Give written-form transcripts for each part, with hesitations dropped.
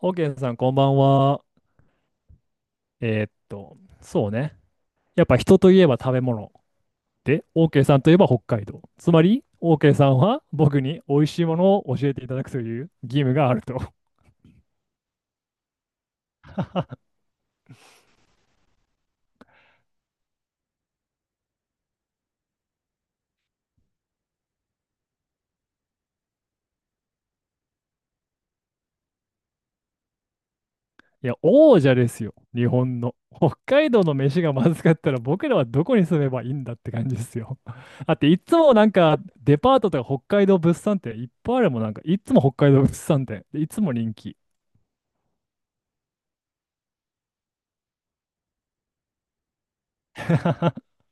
オーケーさん、こんばんは。そうね。やっぱ人といえば食べ物。で、オーケーさんといえば北海道。つまり、オーケーさんは僕に美味しいものを教えていただくという義務があると。いや、王者ですよ。日本の。北海道の飯がまずかったら僕らはどこに住めばいいんだって感じですよ。だっていつもなんかデパートとか北海道物産展いっぱいあるもん。なんかいつも北海道物産展。でいつも人気。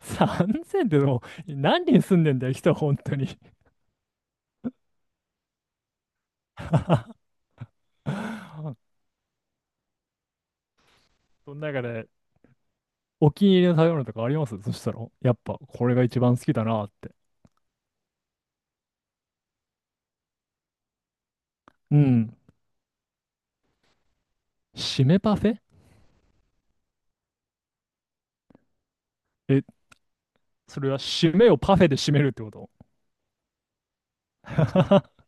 3000ってでも何人住んでんだよ、人本当に。その中で、お気に入りの食べ物とかありますそしたら、やっぱこれが一番好きだなって。うん。締めパフェ。え、それは締めをパフェで締めるってこと？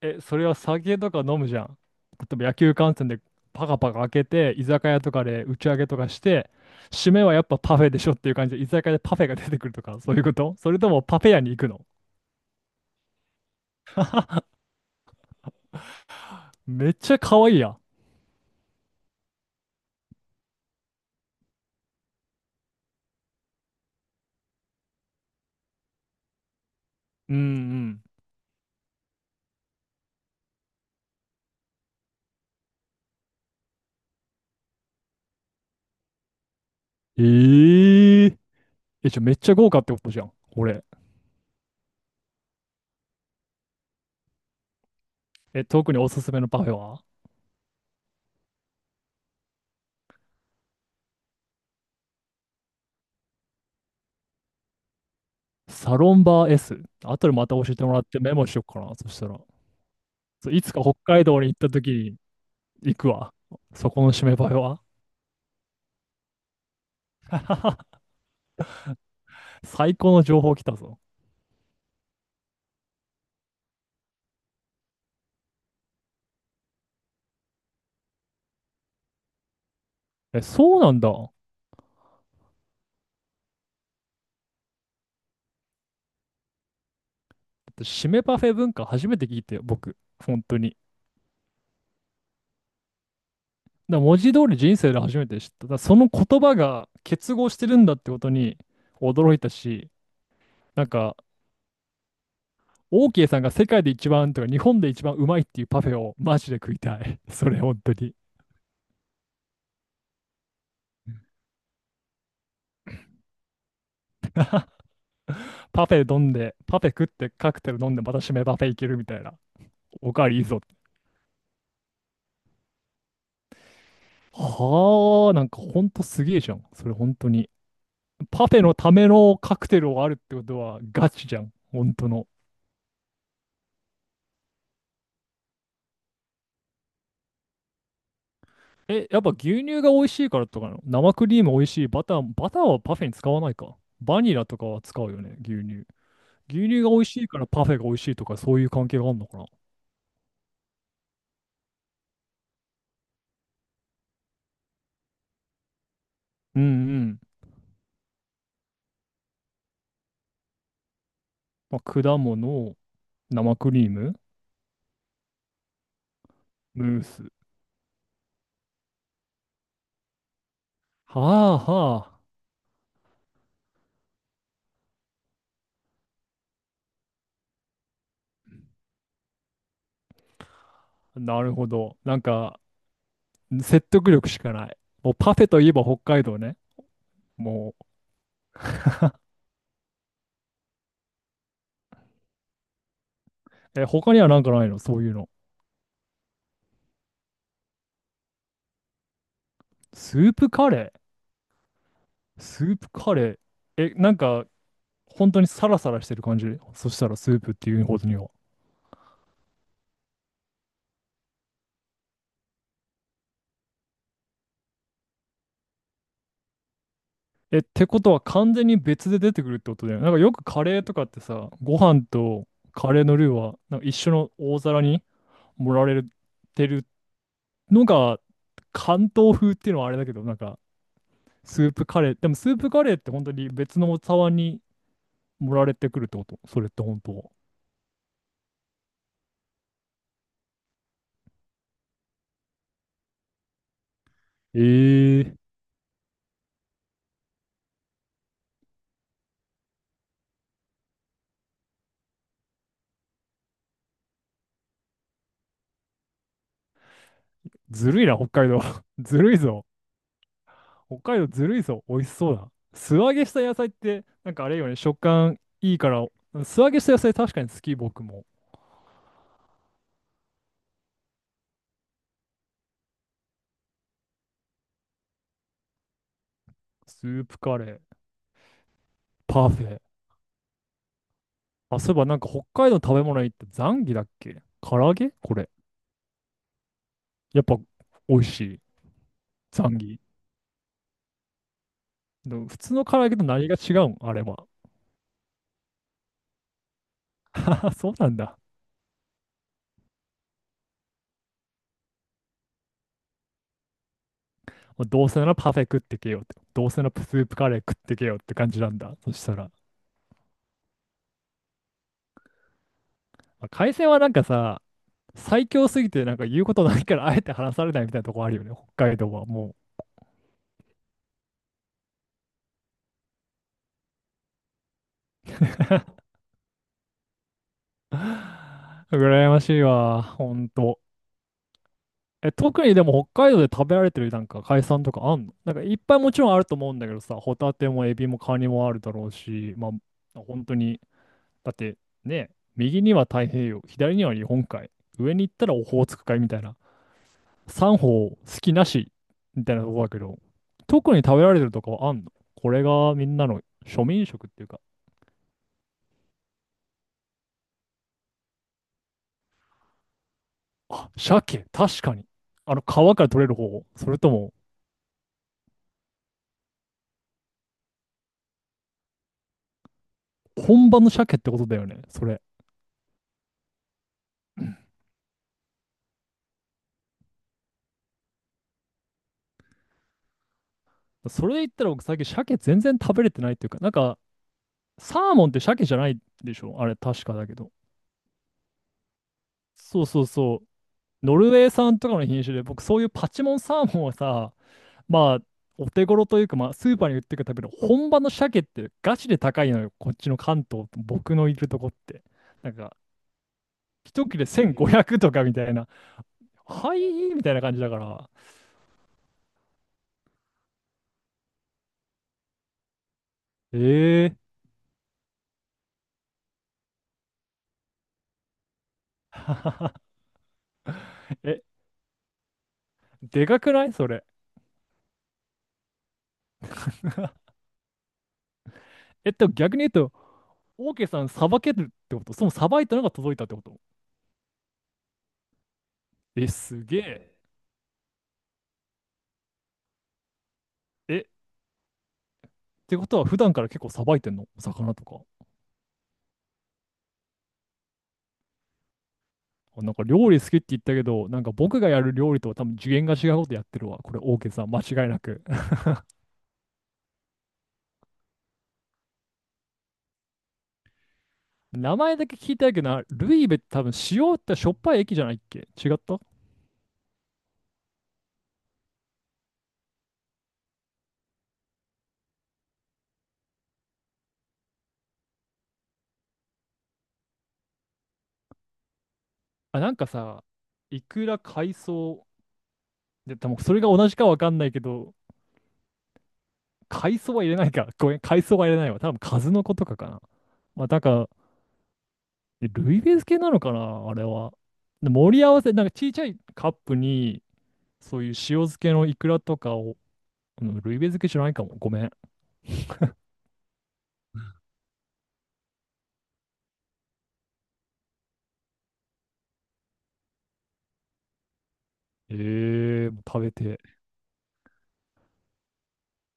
え、それは酒とか飲むじゃん。例えば野球観戦でパカパカ開けて、居酒屋とかで打ち上げとかして、締めはやっぱパフェでしょっていう感じで、居酒屋でパフェが出てくるとか、そういうことそれともパフェ屋に行くの？めっちゃ可愛いやん。うんうん。ええー。え、じゃあめっちゃ豪華ってことじゃん。これ。え、特におすすめのパフェは？サロンバー S。後でまた教えてもらってメモしよっかな。そしたら。そういつか北海道に行った時に行くわ。そこの締めパフェは。最高の情報来たぞ。え、そうなんだ。だって締めパフェ文化初めて聞いたよ、僕。本当に。だから文字通り人生で初めて知った。だからその言葉が結合してるんだってことに驚いたし、なんか、オーケーさんが世界で一番とか日本で一番うまいっていうパフェをマジで食いたい。それ本当に。パフェ飲んで、パフェ食ってカクテル飲んでまた締めパフェいけるみたいな。おかわりいいぞ。はあ、なんかほんとすげえじゃん。それ本当に。パフェのためのカクテルをあるってことはガチじゃん。本当の。え、やっぱ牛乳が美味しいからとかなの？生クリーム美味しい。バター、バターはパフェに使わないか。バニラとかは使うよね、牛乳。牛乳が美味しいからパフェが美味しいとかそういう関係があるのかな。うんうん。まあ、果物、生クリーム、ムース。はあはあ。なるほど。なんか、説得力しかない。もうパフェといえば北海道ね。もう、え、他にはなんかないの、そういうの？スープカレースープカレー。え、なんか、本当にサラサラしてる感じ？そしたらスープっていうことには。え、ってことは完全に別で出てくるってことだよね。なんかよくカレーとかってさ、ご飯とカレーのルーはなんか一緒の大皿に盛られてるのが関東風っていうのはあれだけど、なんかスープカレー。でもスープカレーって本当に別のお茶碗に盛られてくるってことそれって本当？ええー、ずるいな、北海道。ずるいぞ。北海道ずるいぞ。美味しそうだ。素揚げした野菜って、なんかあれよね、食感いいから、素揚げした野菜確かに好き、僕も。スープカレー、パフェ。あ、そういえばなんか北海道の食べ物にってザンギだっけ、唐揚げこれ。やっぱ美味しい。ザンギ。でも普通の唐揚げと何が違うんあれは？あ、そうなんだ。もうどうせならパフェ食ってけよって。どうせならスープカレー食ってけよって感じなんだ。そしたら。まあ、海鮮はなんかさ、最強すぎてなんか言うことないからあえて話されないみたいなとこあるよね。北海道はもう。羨ましいわ。ほんと。え、特にでも北海道で食べられてるなんか海鮮とかあんの？なんかいっぱいもちろんあると思うんだけどさ、ホタテもエビもカニもあるだろうし、まあ本当に、だってね、右には太平洋、左には日本海、上に行ったらオホーツク海みたいな。三方好きなしみたいなとこだけど、特に食べられてるとかはあんの？これがみんなの庶民食っていうか、あ、鮭、確かに。あの、皮から取れる方、それとも、本場の鮭ってことだよね、それ。それで言ったら僕最近鮭全然食べれてないっていうか、なんか、サーモンって鮭じゃないでしょあれ、確かだけど。そうそうそう。ノルウェー産とかの品種で、僕そういうパチモンサーモンはさ、まあ、お手頃というか、まあ、スーパーに売ってるための本場の鮭ってガチで高いのよ、こっちの関東、僕のいるとこって。なんか、一切れ1500とかみたいな、はいみたいな感じだから。えええ、でかくないそれ？逆に言うと、オーケーさん、さばけるってこと？そのさばいたのが届いたってこと？え、すげえ。え、ってことは、普段から結構さばいてんのお魚とか？あなんか料理好きって言ったけど、なんか僕がやる料理とは多分次元が違うことやってるわ。これ、オーケーさん、間違いなく。名前だけ聞いたけどな、ルイベって多分塩ってしょっぱい駅じゃないっけ？違った？あ、なんかさ、いくら海藻、で、多分それが同じかわかんないけど、海藻は入れないか。ごめん、海藻は入れないわ。多分数の子とかかな。まあ、なんか、ルイベース系なのかな、あれは。で盛り合わせ、なんかちいちゃいカップに、そういう塩漬けのイクラとかを、うん、ルイベ漬けじゃないかも。ごめん。ええ、もう食べて、